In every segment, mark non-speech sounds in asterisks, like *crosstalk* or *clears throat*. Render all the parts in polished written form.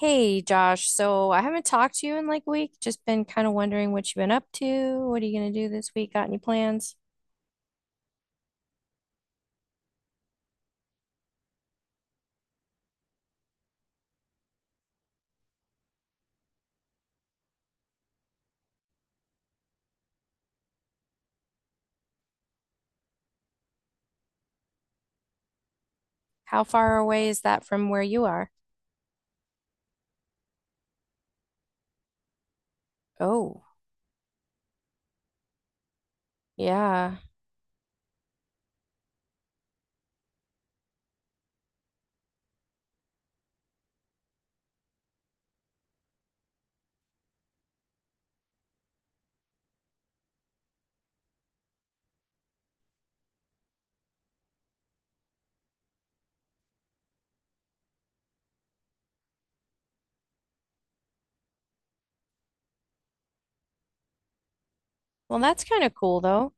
Hey Josh, so I haven't talked to you in like a week. Just been kind of wondering what you've been up to. What are you going to do this week? Got any plans? How far away is that from where you are? Oh, yeah. Well, that's kind of cool though.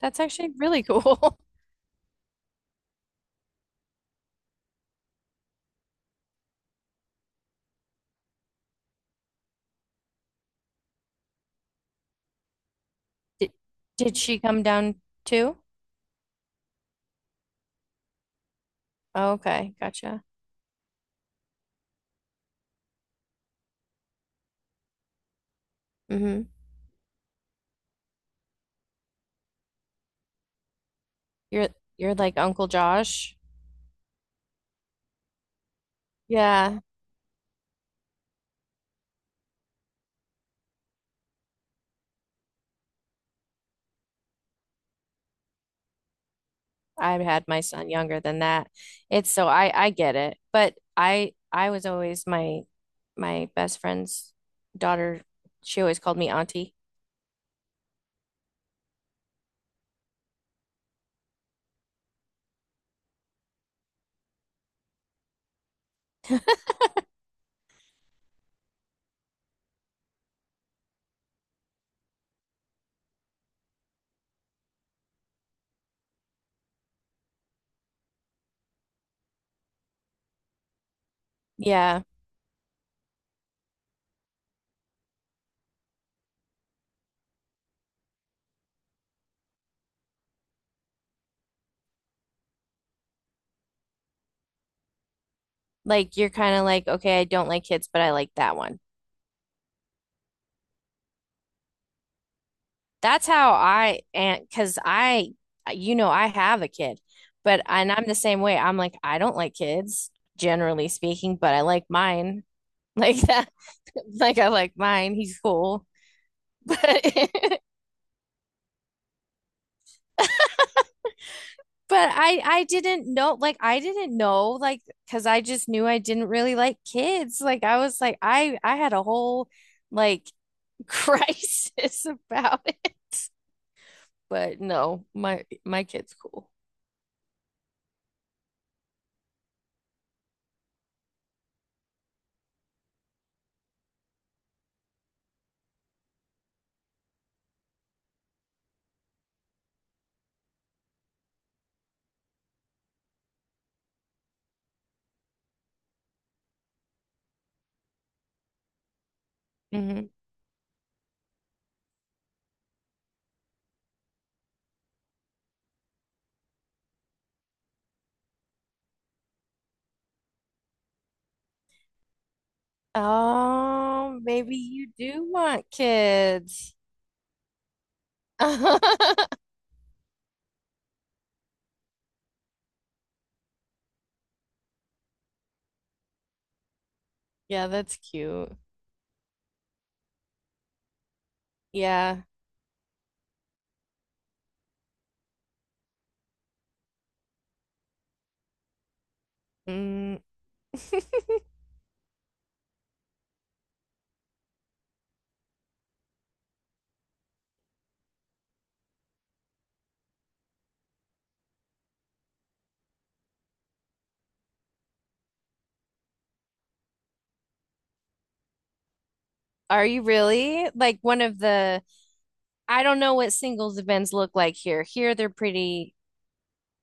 That's actually really cool. *laughs* Did, did she come down too? Oh, okay, gotcha. Mm-hmm. You're you're like Uncle Josh. Yeah. I had my son younger than that. It's so I get it, but I was always my best friend's daughter. She always called me auntie. Yeah, like you're kind of like okay, I don't like kids, but I like that one. That's how I, and because I, you know, I have a kid, but and I'm the same way. I'm like I don't like kids generally speaking, but I like mine like that. *laughs* Like I like mine. He's cool, *laughs* but. But I didn't know, like I didn't know, like because I just knew I didn't really like kids. Like I was like I had a whole like *laughs* crisis about it. But no, my kid's cool. Hmm. Oh, maybe you do want kids. *laughs* Yeah, that's cute. Yeah. Mm. *laughs* Are you really? Like one of the, I don't know what singles events look like here. Here they're pretty,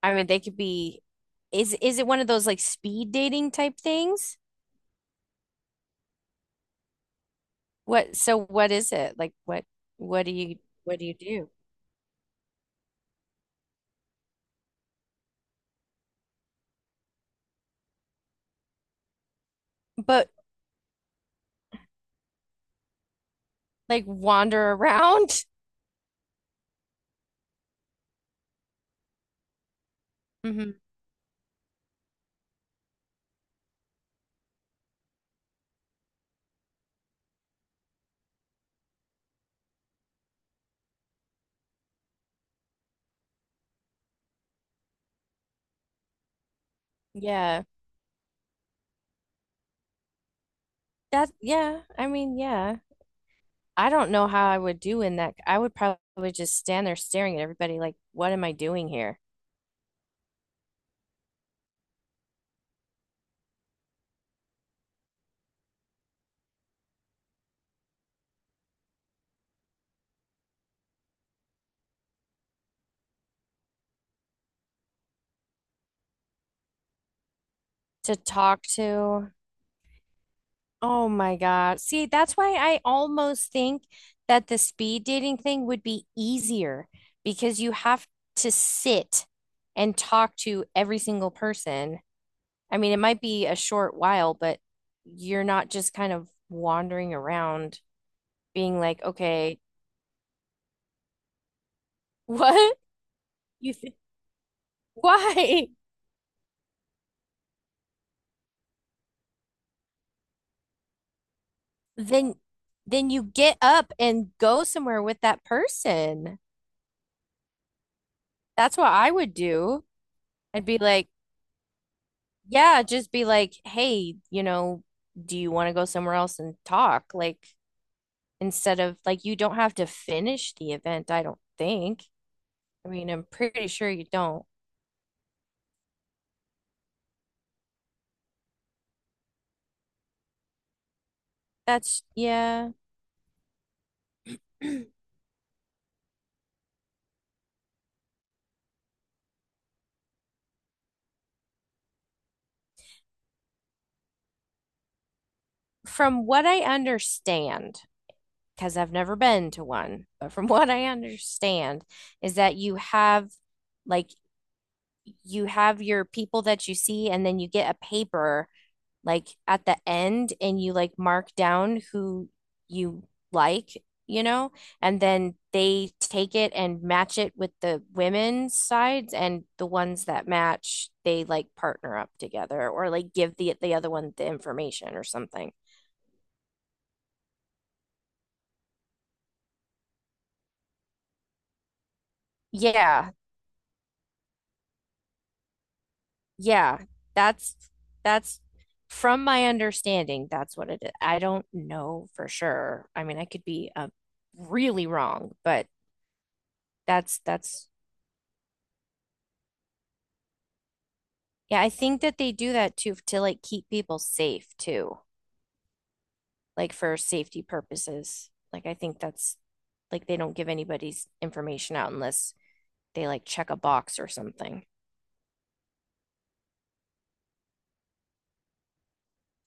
I mean, they could be. Is it one of those like speed dating type things? What, so what is it? Like what do you, what do you do? But like wander around? Hmm. Yeah. That, yeah, I mean, yeah. I don't know how I would do in that. I would probably just stand there staring at everybody like, what am I doing here? To talk to. Oh my God. See, that's why I almost think that the speed dating thing would be easier because you have to sit and talk to every single person. I mean, it might be a short while, but you're not just kind of wandering around being like, okay, *laughs* what? You think, why? Then then you get up and go somewhere with that person. That's what I would do. I'd be like, yeah, just be like, hey, you know, do you want to go somewhere else and talk? Like, instead of like, you don't have to finish the event, I don't think. I mean, I'm pretty sure you don't. That's, yeah. *clears throat* From what I understand, because I've never been to one, but from *laughs* what I understand is that you have like, you have your people that you see, and then you get a paper like at the end and you like mark down who you like, you know, and then they take it and match it with the women's sides, and the ones that match, they like partner up together or like give the other one the information or something. Yeah. Yeah. That's that's from my understanding, that's what it is. I don't know for sure. I mean, I could be really wrong, but that's Yeah, I think that they do that too, to like keep people safe too, like for safety purposes. Like I think that's like they don't give anybody's information out unless they like check a box or something.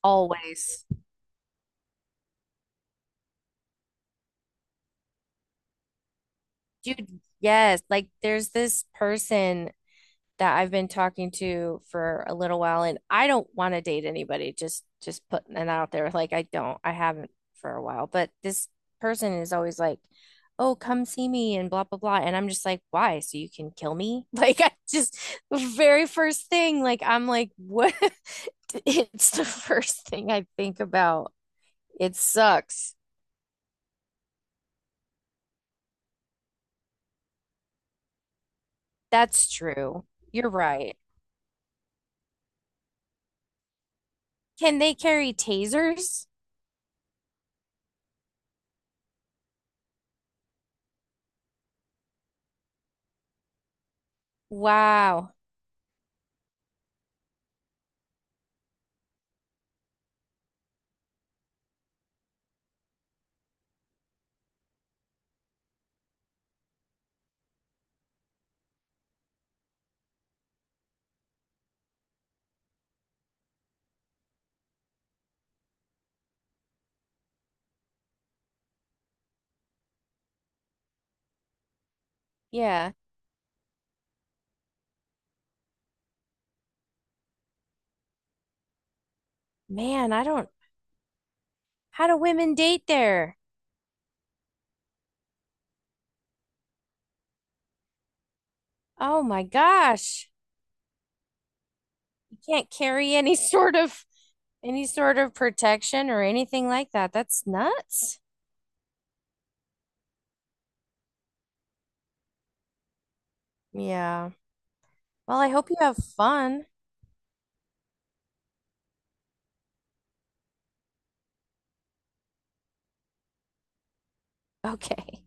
Always. Dude, yes, like there's this person that I've been talking to for a little while, and I don't want to date anybody, just putting it out there. Like I don't, I haven't for a while, but this person is always like, oh, come see me and blah blah blah, and I'm just like, why, so you can kill me? *laughs* Like I just, the very first thing, like I'm like, what? *laughs* It's the first thing I think about. It sucks. That's true. You're right. Can they carry tasers? Wow. Yeah, man, I don't, how do women date there? Oh my gosh. You can't carry *laughs* any sort of, any sort of protection or anything like that. That's nuts. Yeah. Well, I hope you have fun. *laughs* Okay.